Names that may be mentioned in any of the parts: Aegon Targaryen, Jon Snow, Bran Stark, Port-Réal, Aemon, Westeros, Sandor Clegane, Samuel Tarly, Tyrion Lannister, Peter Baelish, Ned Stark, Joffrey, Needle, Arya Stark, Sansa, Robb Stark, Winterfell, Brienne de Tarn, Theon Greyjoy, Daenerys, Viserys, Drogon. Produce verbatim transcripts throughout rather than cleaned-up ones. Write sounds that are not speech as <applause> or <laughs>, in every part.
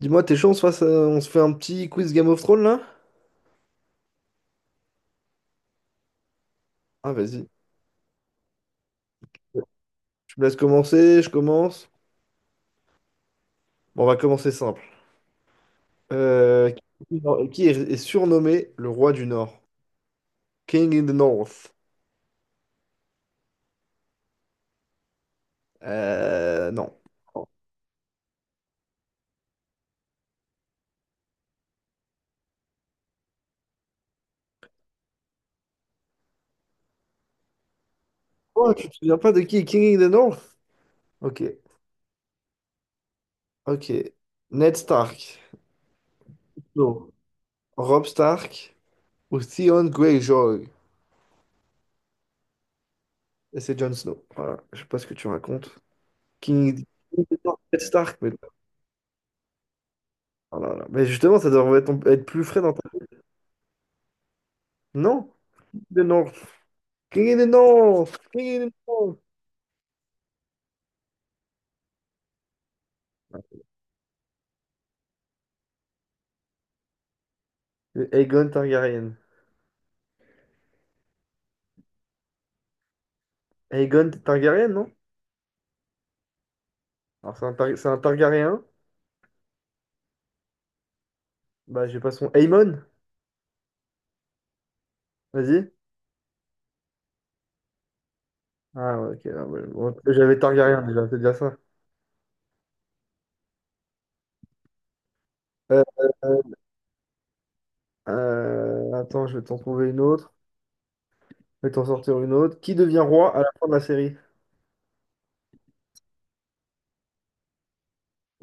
Dis-moi, t'es chaud, on se fasse, euh, on se fait un petit quiz Game of Thrones là? Ah, vas-y. Tu me laisses commencer, je commence. Bon, on va commencer simple. Euh, qui est, est surnommé le roi du Nord? King in the North. Euh, non. Oh, tu te souviens pas de qui est King in the North? Ok, ok. Ned Stark. Non. Robb Stark ou Theon Greyjoy. Et c'est Jon Snow. Voilà, je sais pas ce que tu racontes. King, King in the North, Ned Stark. Mais, oh là là. Mais justement, ça devrait être, être plus frais dans ta... Non? De North. King of the North. King of the North. Le Aegon Targaryen. Aegon Targaryen, non? Alors, c'est un, Tar- c'est un Targaryen. Bah, j'ai pas son. Aemon, vas-y. Ah, ouais, ok, ah, ouais, bon, j'avais Targaryen déjà, c'est déjà ça. Euh, euh, attends, je vais t'en trouver une autre. Je vais t'en sortir une autre. Qui devient roi à la fin de la série?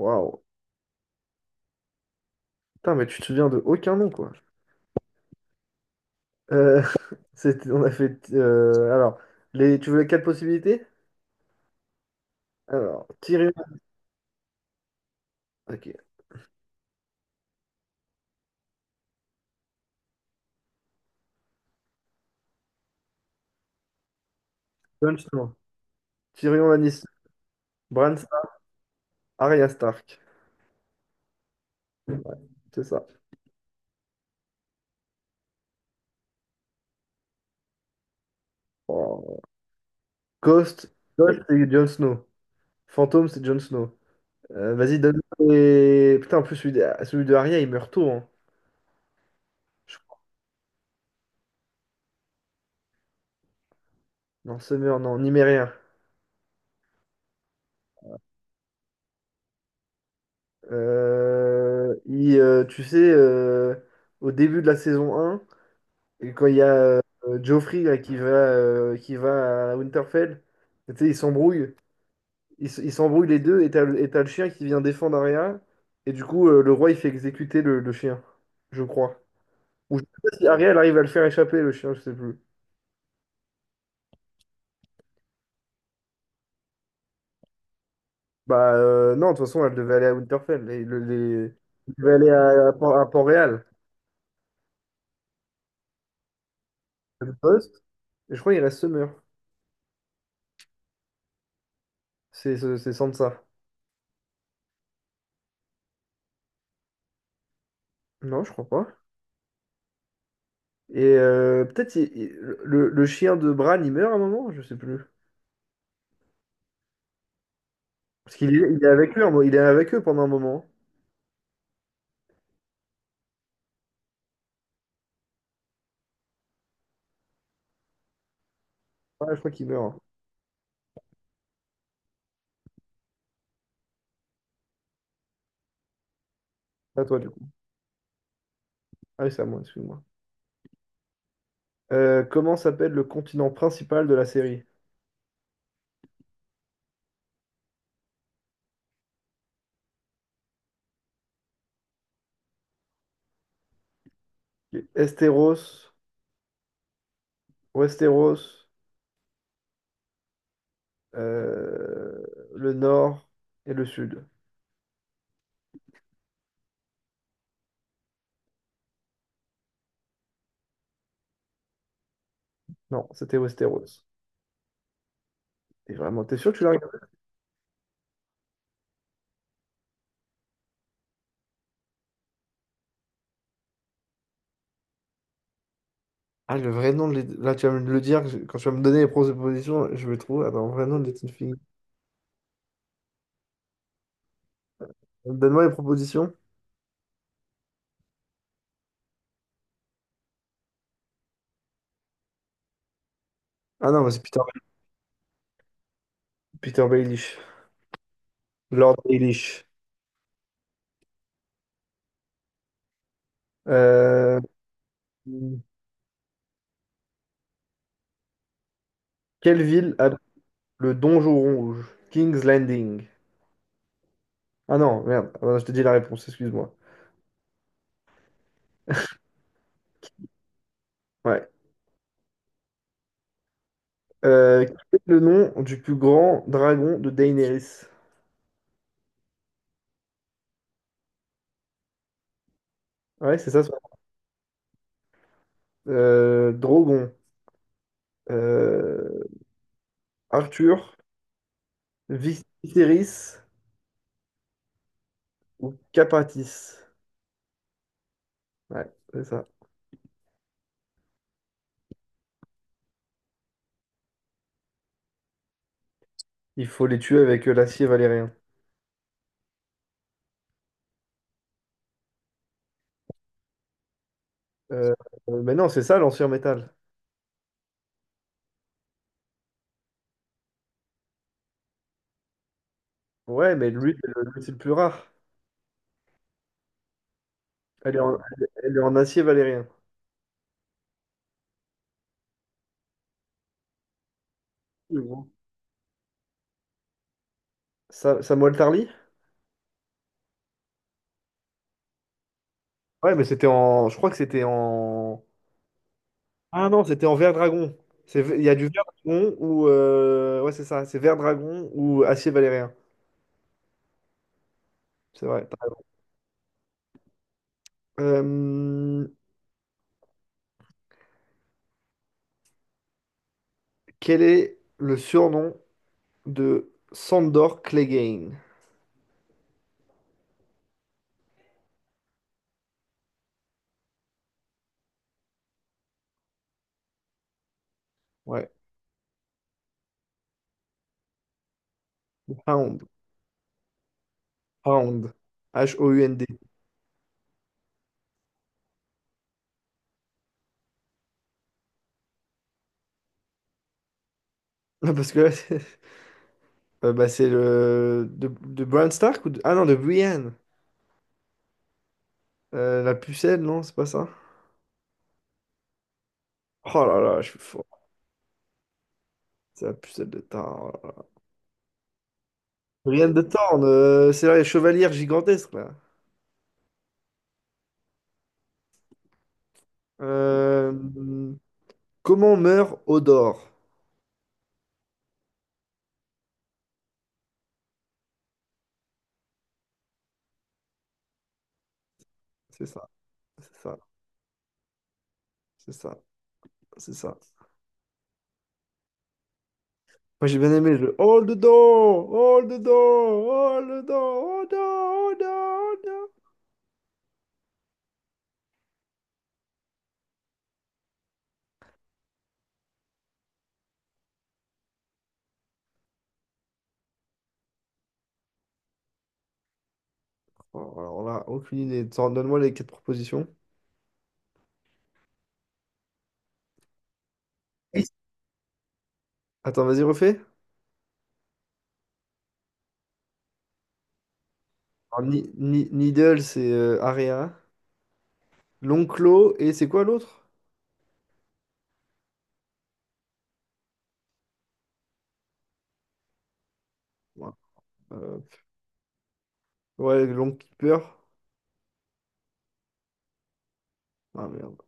Waouh. Putain, mais tu te souviens de aucun nom, quoi. Euh, <laughs> c'était- on a fait, euh, alors, les, tu veux les quatre possibilités? Alors, Tyrion. Ok. Jon Snow. Tyrion Lannister. Bran, Arya Stark, c'est ça. Oh. Ghost, Ghost, c'est Jon Snow. Fantôme, c'est Jon Snow. Euh, vas-y, donne et... Putain, en plus, celui de, celui de Arya, il meurt tôt. Hein. Je- non, Summer, non, Numérien. Euh, il, euh, tu sais, euh, au début de la saison un, et quand il y a euh, Joffrey là, qui va, euh, qui va à Winterfell, tu sais, ils s'embrouillent. Ils s- ils s'embrouillent les deux, et t'as le, et t'as le chien qui vient défendre Arya. Et du coup, euh, le roi, il fait exécuter le, le chien, je crois. Ou je sais pas si Ariel arrive à le faire échapper, le chien, je sais plus. Bah euh, non, de toute façon, elle devait aller à Winterfell. Et le- les... Elle devait aller à, à Port- à Port-Réal. Le poste. Et je crois qu'il reste Summer. C'est c'est- c'est Sansa. Non, je crois pas. Et euh, peut-être il- il- le, le chien de Bran, il meurt à un moment, je sais plus. Parce qu'il est, il est avec eux, un mo- il est avec eux pendant un moment. Ah, je crois qu'il meurt. À toi, du coup. Ah oui, c'est à moi, excuse-moi. Euh, comment s'appelle le continent principal de la série? Esteros, Westeros, euh, le nord et le sud. Non, c'était Westeros. Et vraiment, t'es sûr que tu l'as regardé? Ah, le vrai nom de l'é- là, tu vas me le dire, je- quand tu vas me donner les propositions, je vais trouver. Attends, vrai nom de Little Fing. Donne-moi les propositions. Ah non, mais c'est Peter, Peter Baelish. Lord Baelish. Euh, Quelle ville a le donjon rouge? King's Landing. Ah non, merde. Ah non, je te dis la réponse, excuse-moi. Ouais. Euh, quel est le nom du plus grand dragon de Daenerys? Ouais, c'est ça. Son- Euh, Drogon. Euh, Arthur, Viserys ou Capatis. Ouais, c'est ça. Il faut les tuer avec euh, l'acier valérien. Euh, euh, mais non, c'est ça l'ancien métal. Ouais, mais lui, c'est le, c'est le plus rare. Elle est en, elle est en acier valérien. Oui, bon. Sa- Samuel Tarly? Ouais, mais c'était en. Je crois que c'était en. Ah non, c'était en vert dragon. C'est- il y a du vert dragon ou, euh, ouais, c'est ça. C'est vert dragon ou acier valérien. C'est vrai, t'as raison. Euh, Quel est le surnom de Sandor Clegane. Ouais, Hound. Hound. H-O-U-N-D. <laughs> Non, parce que là, c'est euh, bah, c'est le. De, de Bran Stark ou de... Ah non, de Brienne. Euh, la pucelle, non, c'est pas ça. Oh là là, je suis fort. C'est la pucelle de Tarn. Oh là là. Brienne de Tarn, euh, c'est là les chevalières gigantesques, là. Euh, Comment meurt Odor? C'est ça, c'est ça, c'est ça, c'est ça. Moi, j'ai bien aimé le Hold the door, hold the door, hold the door, hold the door, hold the door, hold the- door. Oh, alors là, aucune idée. T'en- donne-moi les quatre propositions. Et- attends, vas-y, refais. Alors, Ni- Ni- Needle, c'est euh, Area. L'Onclo, et c'est quoi l'autre? Ouais, euh, ouais, l'Oncle Keeper. Ah merde.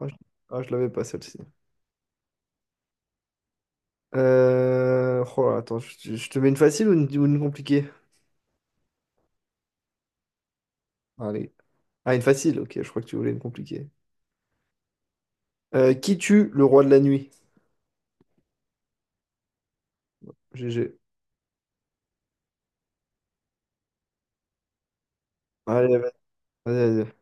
Ah, je, ah, je l'avais pas celle-ci. Euh, oh là, attends, je, je je te mets une facile ou une, ou une compliquée? Allez. Ah, une facile, ok, je crois que tu voulais une compliquée. Euh, qui tue le roi de la nuit? gé gé. Allez, vas-y, vas-y.